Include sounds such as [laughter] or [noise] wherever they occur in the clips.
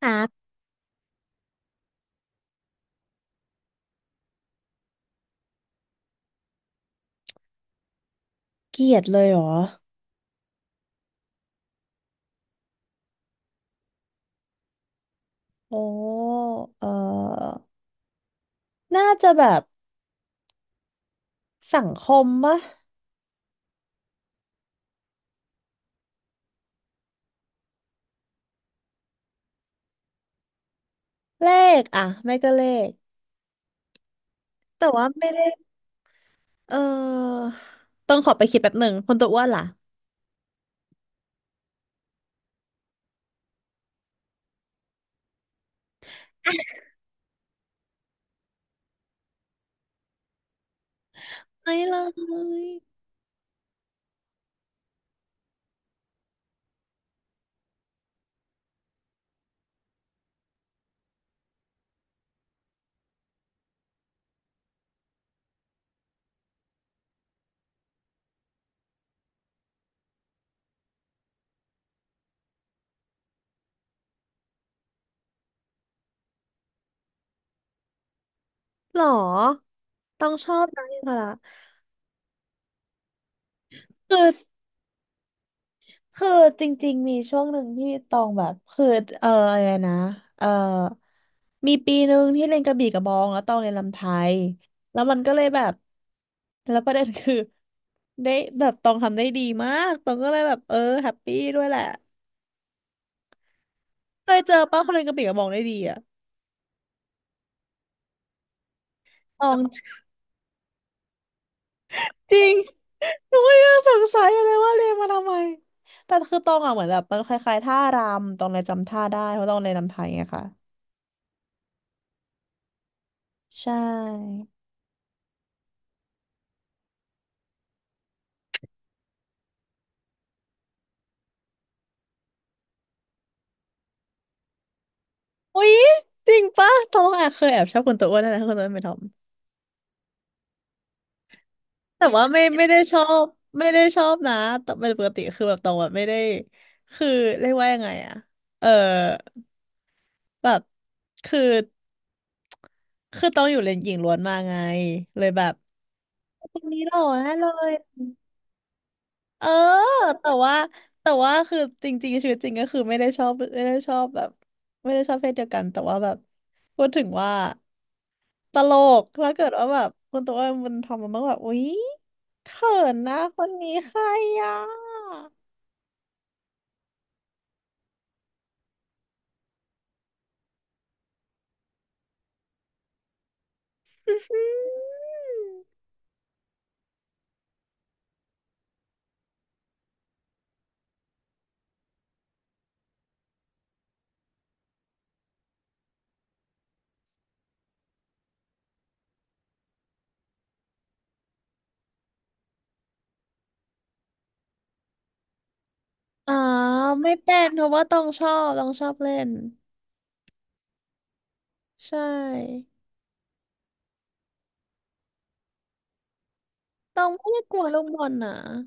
ครับเกลียดเลยเหรอ โอ้ เออน่าจะแบบสังคมปะเลขอะไม่ก็เลขแต่ว่าไม่ได้ เออต้องขอไปคิดแป๊บหนึ่งคนตัวอ้วนล่ะไม่เลย หรอ ต้องชอบนะนก่ค่ะะคือ คือจริงๆมีช่วงหนึ่งที่ตองแบบคือเอออะไรนะเออมีปีหนึ่งที่เรียนกระบี่กระบองแล้วตองเรียนรำไทยแล้วมันก็เลยแบบแล้วประเด็นคือได้แบบตองทำได้ดีมากตองก็เลยแบบแฮปปี้ด้วยแหละเคยเจอป้าคนเรียนกระบี่กระบองได้ดีอะตองจริง [laughs] หนูก็ยังสงสัยอยู่เลยว่าเรียนมาทำไมแต่คือตองอ่ะเหมือนแบบมันคล้ายๆท่ารำตองเลยจำท่าได้เพราะตองเรียนรำไทยไงค่ะใช่ อุ๊ยจริงปะทอมอ่ะเคยแอบชอบคนตัวอ้วนนะคนตัวอ้วนเป็นทอมแต่ว่าไม่ได้ชอบไม่ได้ชอบนะแต่เป็นปกติคือแบบตรงแบบไม่ได้คือเรียกว่ายังไงอะเออแบบคือคือต้องอยู่เลนหญิงล้วนมาไงเลยแบบคนนี้หล่อแน่เลย เออแต่ว่าแต่ว่าคือจริงๆชีวิตจริงก็คือไม่ได้ชอบไม่ได้ชอบแบบไม่ได้ชอบเพศเดียวกันแต่ว่าแบบพูดถึงว่าตลกถ้าเกิดว่าแบบคนตัวเองมันทำมันต้องแบบอุ๊ยเขินนะคนนี้ใครอ่ะ [laughs] อื้อหืออ๋อไม่เป็นเพราะว่าต้องชอบเล่นใช่ต้องไม่ได้กลัวลูกบอลนะ [laughs]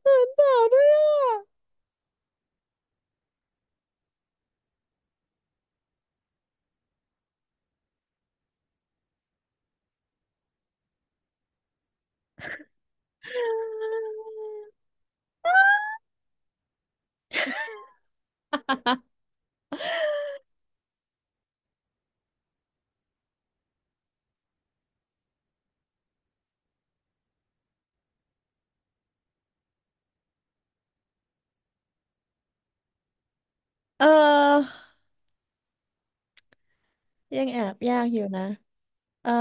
เขินสาวด้วยอ่ะเออยังแอบยากอยู่นะเออ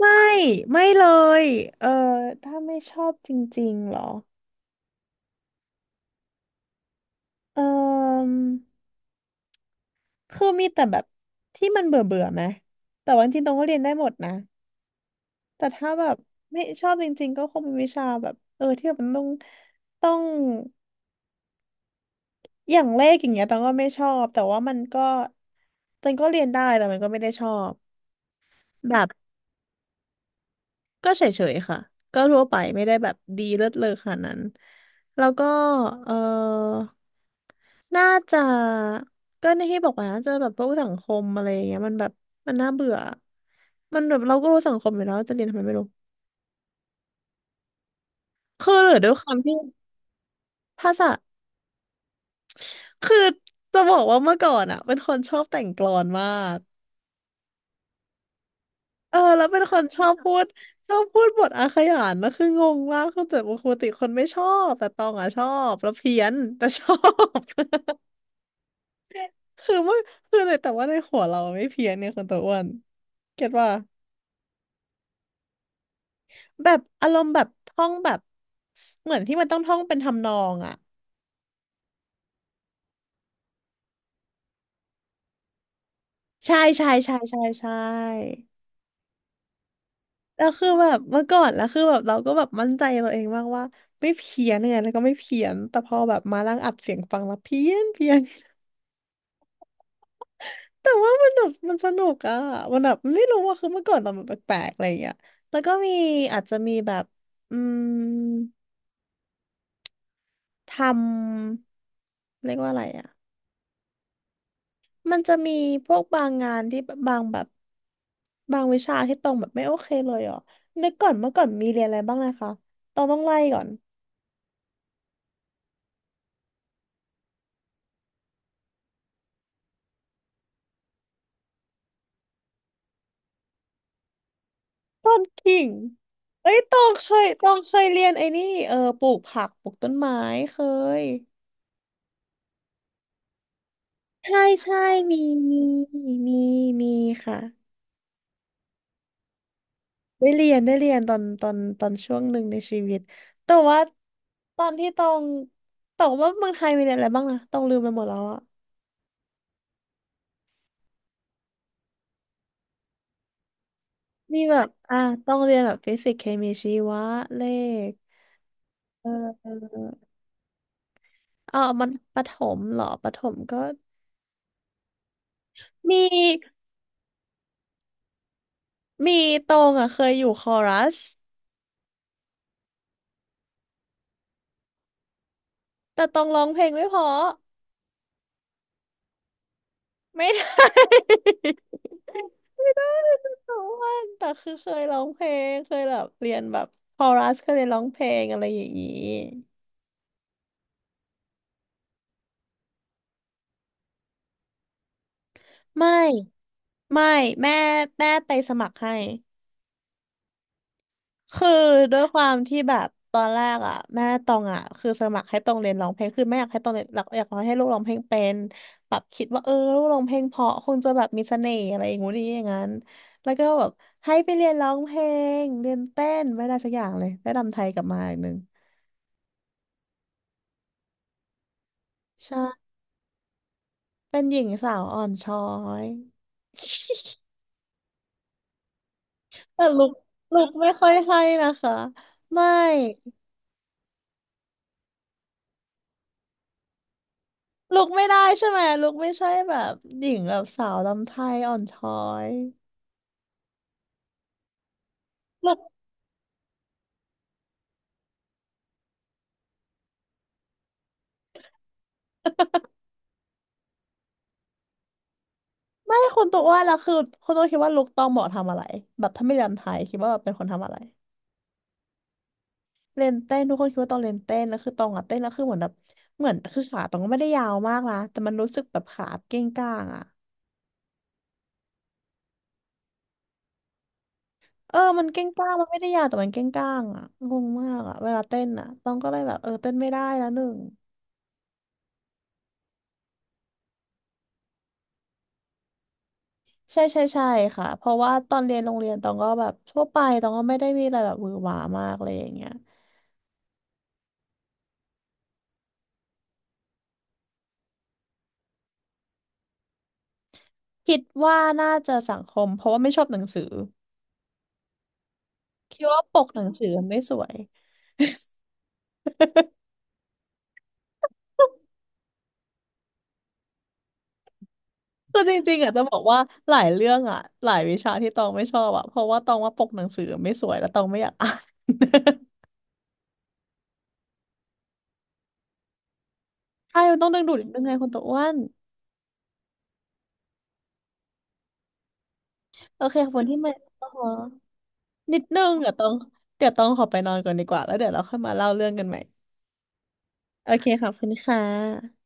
ไม่ไม่เลยเออถ้าไม่ชอบจริงๆเหรอเออคือมีแต่แบบที่มันเบื่อเบื่อไหมแต่ว่าจริงๆตรงก็เรียนได้หมดนะแต่ถ้าแบบไม่ชอบจริงๆก็คงเป็นวิชาแบบที่แบบมันต้องอย่างเลขอย่างเงี้ยตองก็ไม่ชอบแต่ว่ามันก็ตองก็เรียนได้แต่มันก็ไม่ได้ชอบแบบ ก็เฉยๆค่ะก็ทั่วไปไม่ได้แบบดีเลิศเลอขนาดนั้นแล้วก็เออน่าจะก็ในที่บอกว่าน่าจะแบบพวกสังคมอะไรอย่างเงี้ยมันแบบมันน่าเบื่อมันแบบเราก็รู้สังคมอยู่แล้วจะเรียนทำไมไม่รู้คือหรือด้วยความที่ภาษาคือจะบอกว่าเมื่อก่อนอ่ะเป็นคนชอบแต่งกลอนมากแล้วเป็นคนชอบพูดบทอาขยานนะคืองงมากคือแต่ปกติคนไม่ชอบแต่ตองอ่ะชอบแล้วเพี้ยนแต่ชอบ คือว่าคือเลยแต่ว่าในหัวเราไม่เพี้ยนเนี่ยคนตัวอ้วนเก็ตว่าแบบอารมณ์แบบท่องแบบเหมือนที่มันต้องท่องเป็นทำนองอ่ะใช่ใช่ใช่ใช่ใช่แล้วคือแบบเมื่อก่อนแล้วคือแบบเราก็แบบมั่นใจตัวเองมากว่าไม่เพี้ยนไงแล้วก็ไม่เพี้ยนแต่พอแบบมานั่งอัดเสียงฟังแล้วเพี้ยนเพี้ยน [laughs] แต่ว่ามันแบบมันสนุกอะมันแบบไม่รู้ว่าคือเมื่อก่อนเราแบบแปลกๆอะไรอย่างเงี้ยแล้วก็มีอาจจะมีแบบอืม ทำเรียกว่าอะไรอ่ะมันจะมีพวกบางงานที่บางแบบบางวิชาที่ตรงแบบไม่โอเคเลยอ่ะนึกก่อนเมื่อก่อนมีเรียนอะไรบ้างนะคะตองต้องไล่ก่อนต้นกิ่งเอ้ยตองเคยเรียนไอ้นี่ปลูกผักปลูกต้นไม้เคยใช่ใช่มีมีมีมีค่ะ ได้เรียนตอนช่วงหนึ่งในชีวิตแต่ว่าตอนที่ต้องแต่ว่าเมืองไทยมีเรียนอะไรบ้างนะต้องลืมไปหมดแล้วอะมีแบบอ่ะต้องเรียนแบบฟิสิกส์เคมีชีวะเลขเออเออเอมันประถมเหรอประถมก็มีมีตรงอ่ะเคยอยู่คอรัสแต่ตรงร้องเพลงไม่เพอ ไม่ได้ [laughs] ไม่ได้ทุกวันแต่คือเคยร้องเพลงเคยแบบเรียนแบบคอรัสเคยเรียนร้องเพลงอะไรอย่างนี้ไม่ไม่แม่แม่ไปสมัครให้ คือด้วยความที่แบบตอนแรกอ่ะแม่ตองอ่ะคือสมัครให้ตองเรียนร้องเพลงคือไม่อยากให้ตองเรียนหลักอยากให้ลูกร้องเพลงเป็นแบบคิดว่าลูกร้องเพลงเพราะคงจะแบบมีเสน่ห์อะไรอย่างงู้นอย่างนี้อย่างนั้นแล้วก็แบบให้ไปเรียนร้องเพลงเรียนเต้นไม่ได้สักอย่างเลยได้รำไทยกลับมาอีกหนึ่งใช่เป็นหญิงสาวอ่อนช้อยแต่ลุกไม่ค่อยให้นะคะไม่ลุกไม่ได้ใช่ไหมลุกไม่ใช่แบบหญิงแบบสาวลำไทยอ่อนช้อย ไม่คนตัวอ้วนแล้วคือคนตัวคิดว่าลุคตองเหมาะทำอะไรแบบถ้าไม่เรียนไทยคิดว่าแบบเป็นคนทำอะไรเล่นเต้นทุกคนคิดว่าตองเล่นเต้นแล้วคือตองอะเต้นแล้วคือเหมือนแบบเหมือนคือขาตองก็ไม่ได้ยาวมากนะแต่มันรู้สึกแบบขาเก้งก้างอะมันเก้งก้างมันไม่ได้ยาวแต่มันเก้งก้างอะงงมากอะเวลาเต้นอะตองก็เลยแบบเต้นไม่ได้แล้วหนึ่งใช่ใช่ใช่ค่ะเพราะว่าตอนเรียนโรงเรียนตองก็แบบทั่วไปตองก็ไม่ได้มีอะไรแบบหวือหวามากอะไรอย่างเงี้ยคิดว่าน่าจะสังคมเพราะว่าไม่ชอบหนังสือ คิดว่าปกหนังสือมันไม่สวย [laughs] คือจริงๆอ่ะจะบอกว่าหลายเรื่องอ่ะหลายวิชาที่ตองไม่ชอบอ่ะเพราะว่าตองว่าปกหนังสือไม่สวยแล้วตองไม่อยากอ่าน [laughs] ใช่มันต้องดึงดูดนิดนึงไงคนตัวอ้วนโอเคขอบคนที่ไมาอ๋อนิดนึงเดี๋ยวตองขอไปนอนก่อนดีกว่าแล้วเดี๋ยวเราค่อยมาเล่าเรื่องกันใหม่โอเคขอบคุณค่ะ